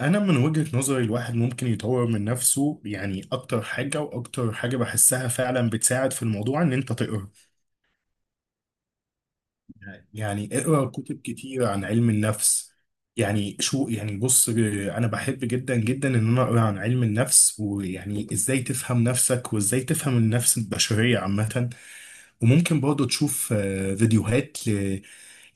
انا من وجهة نظري الواحد ممكن يطور من نفسه، يعني اكتر حاجة واكتر حاجة بحسها فعلا بتساعد في الموضوع ان انت تقرا. يعني اقرا كتب كتير عن علم النفس. يعني شو يعني، بص انا بحب جدا جدا ان انا اقرا عن علم النفس، ويعني ازاي تفهم نفسك وازاي تفهم النفس البشرية عامة. وممكن برضه تشوف فيديوهات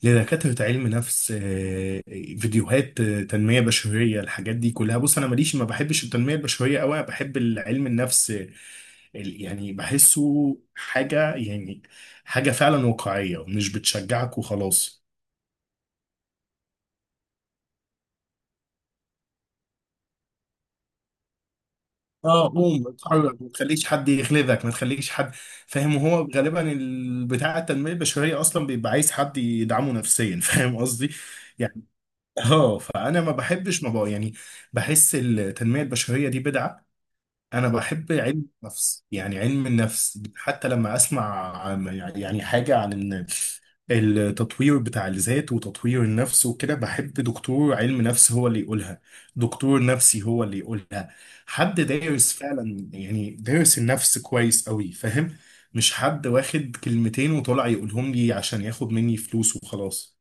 لدكاترة علم نفس، فيديوهات تنمية بشرية. الحاجات دي كلها بص، أنا ماليش، ما بحبش التنمية البشرية أوي، أنا بحب العلم النفس. يعني بحسه حاجة، يعني حاجة فعلا واقعية مش بتشجعك وخلاص. اه قوم اتحرك، ما تخليش حد يغلبك، ما تخليش حد فاهم. وهو غالبا بتاع التنمية البشرية أصلا بيبقى عايز حد يدعمه نفسيا فاهم قصدي. اه فانا ما بحبش، ما بقى يعني. بحس التنميه البشريه دي بدعه. انا بحب علم النفس. يعني علم النفس حتى لما اسمع يعني حاجه عن إن التطوير بتاع الذات وتطوير النفس وكده، بحب دكتور علم نفس هو اللي يقولها، دكتور نفسي هو اللي يقولها، حد دارس فعلا، يعني دارس النفس كويس قوي فاهم، مش حد واخد كلمتين وطلع يقولهم لي عشان ياخد مني فلوس وخلاص.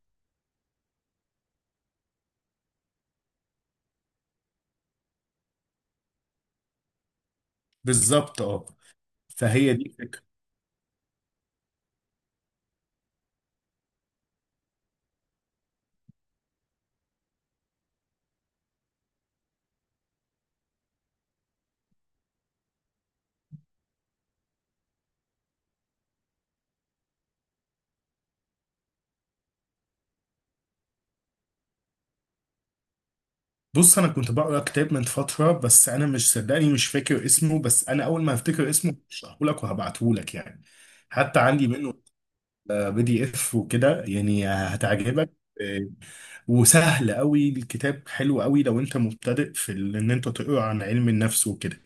بالظبط اه. فهي دي الفكرة. بص انا كنت بقرا كتاب من فتره، بس انا مش، صدقني مش فاكر اسمه، بس انا اول ما هفتكر اسمه هشرحه لك وهبعته لك يعني. حتى عندي منه PDF وكده، يعني هتعجبك. آه، وسهل قوي الكتاب، حلو قوي لو انت مبتدئ في ان انت تقرا عن علم النفس وكده.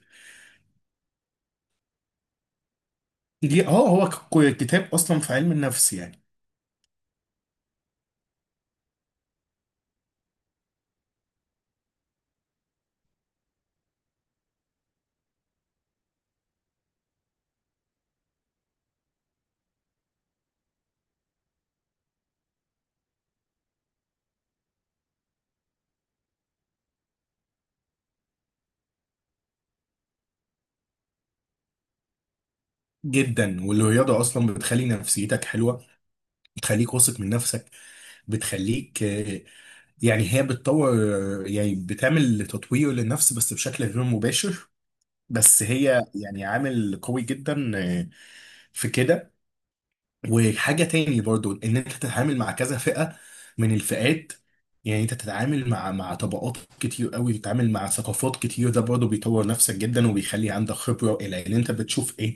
دي اه، هو كتاب اصلا في علم النفس يعني. جدا، والرياضه اصلا بتخلي نفسيتك حلوه، بتخليك واثق من نفسك، بتخليك، يعني هي بتطور، يعني بتعمل تطوير للنفس بس بشكل غير مباشر، بس هي يعني عامل قوي جدا، في كده. وحاجة تاني برضو ان انت تتعامل مع كذا فئة من الفئات، يعني انت تتعامل مع طبقات كتير قوي، تتعامل مع ثقافات كتير، ده برضو بيطور نفسك جدا وبيخلي عندك خبرة الى ان انت بتشوف ايه،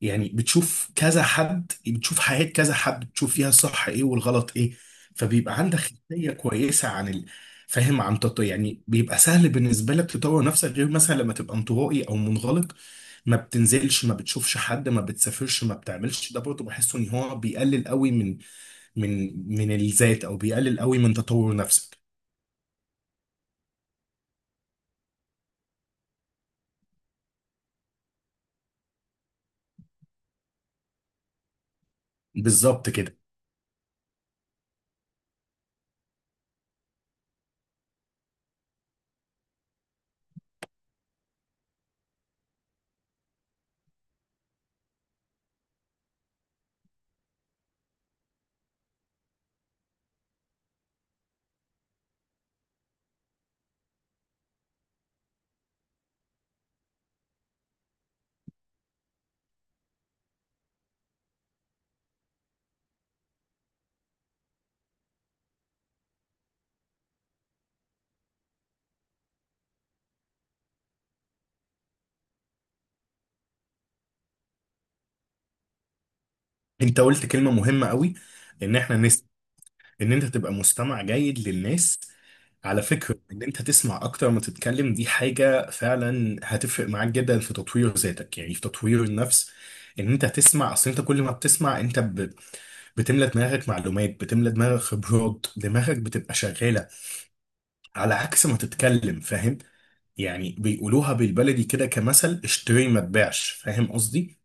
يعني بتشوف كذا حد، بتشوف حياة كذا حد، بتشوف فيها الصح ايه والغلط ايه، فبيبقى عندك خلفية كويسة يعني بيبقى سهل بالنسبة لك تطور نفسك، غير مثلا لما تبقى انطوائي او منغلق، ما بتنزلش، ما بتشوفش حد، ما بتسافرش، ما بتعملش، ده برضه بحسه ان هو بيقلل قوي من من الذات، او بيقلل قوي من تطور نفسك. بالظبط كده. انت قلت كلمة مهمة قوي، ان احنا ان انت تبقى مستمع جيد للناس. على فكرة ان انت تسمع اكتر ما تتكلم دي حاجة فعلا هتفرق معاك جدا في تطوير ذاتك، يعني في تطوير النفس. ان انت تسمع، اصل انت كل ما بتسمع بتملى دماغك معلومات، بتملى دماغك خبرات، دماغك بتبقى شغالة على عكس ما تتكلم فاهم. يعني بيقولوها بالبلدي كده، كمثل اشتري ما تبيعش، فاهم قصدي.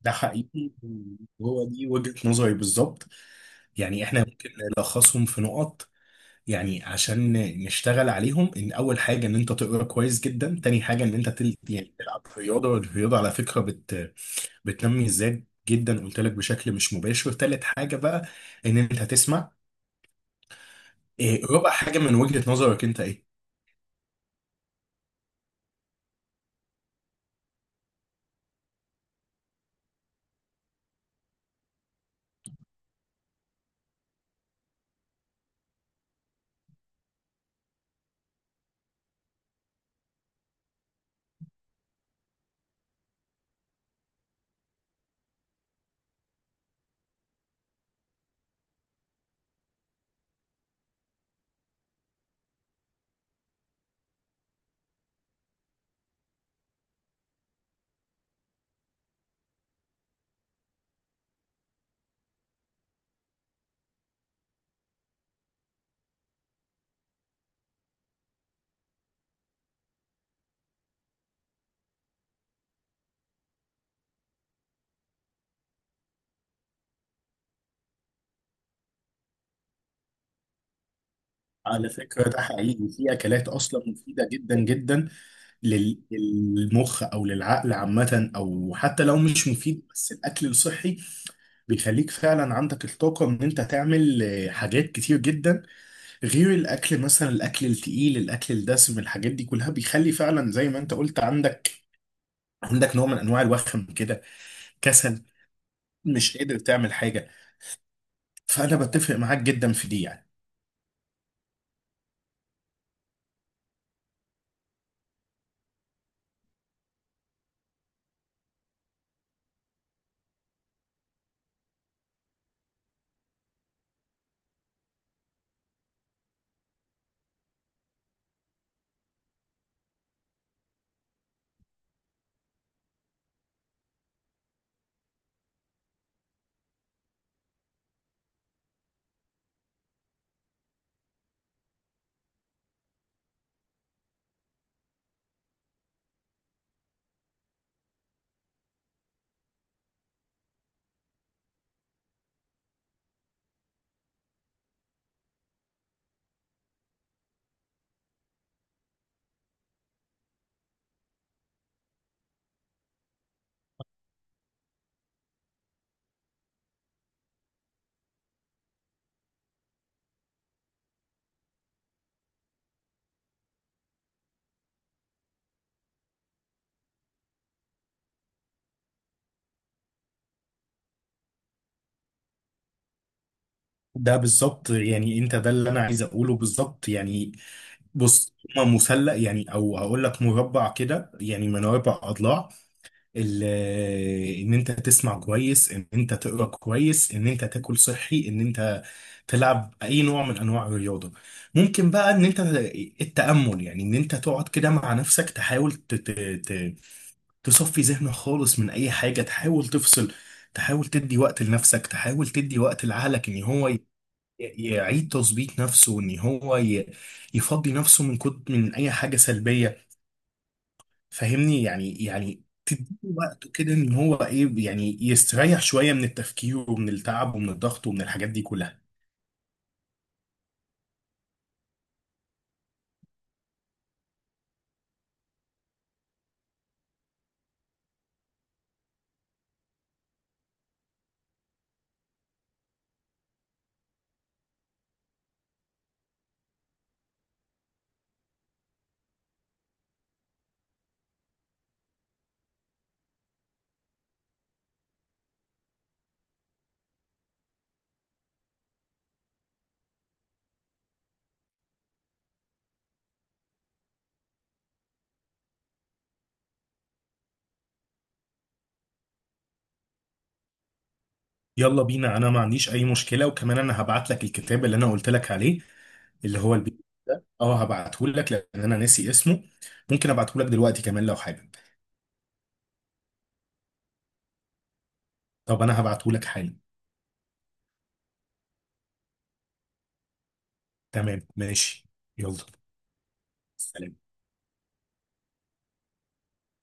ده حقيقي. هو دي وجهة نظري بالظبط. يعني احنا ممكن نلخصهم في نقط، يعني عشان نشتغل عليهم، ان اول حاجه ان انت تقرا كويس جدا، تاني حاجه ان انت يعني تلعب رياضه، والرياضه على فكره بتنمي الذات جدا، قلت لك بشكل مش مباشر. تالت حاجه بقى ان انت تسمع. إيه رابع حاجه من وجهه نظرك انت ايه؟ على فكرة ده حقيقي، في أكلات أصلا مفيدة جدا جدا للمخ أو للعقل عامة، أو حتى لو مش مفيد بس الأكل الصحي بيخليك فعلا عندك الطاقة إن أنت تعمل حاجات كتير جدا. غير الاكل مثلا، الاكل التقيل، الاكل الدسم، الحاجات دي كلها بيخلي فعلا زي ما انت قلت عندك، عندك نوع من انواع الوخم كده، كسل، مش قادر تعمل حاجه. فانا بتفق معاك جدا في دي يعني. ده بالظبط، يعني انت ده اللي انا عايز اقوله بالظبط يعني. بص هما مثلث، يعني او هقول لك مربع كده، يعني من اربع اضلاع. ال- ان انت تسمع كويس، ان انت تقرا كويس، ان انت تاكل صحي، ان انت تلعب اي نوع من انواع الرياضه. ممكن بقى ان انت التامل، يعني ان انت تقعد كده مع نفسك، تحاول ت- تصفي ذهنك خالص من اي حاجه، تحاول تفصل، تحاول تدي وقت لنفسك، تحاول تدي وقت لعقلك ان هو يعيد تظبيط نفسه، وان هو يفضي نفسه من كد من اي حاجه سلبيه، فاهمني يعني. يعني تديله وقته كده ان هو ايه، يعني يستريح شويه من التفكير ومن التعب ومن الضغط ومن الحاجات دي كلها. يلا بينا، انا ما عنديش اي مشكله، وكمان انا هبعت لك الكتاب اللي انا قلت لك عليه، اللي هو البي اه هبعته لك لان انا ناسي اسمه، ممكن ابعته لك دلوقتي كمان لو حابب. طب انا هبعته لك حالا. تمام ماشي. يلا، سلام.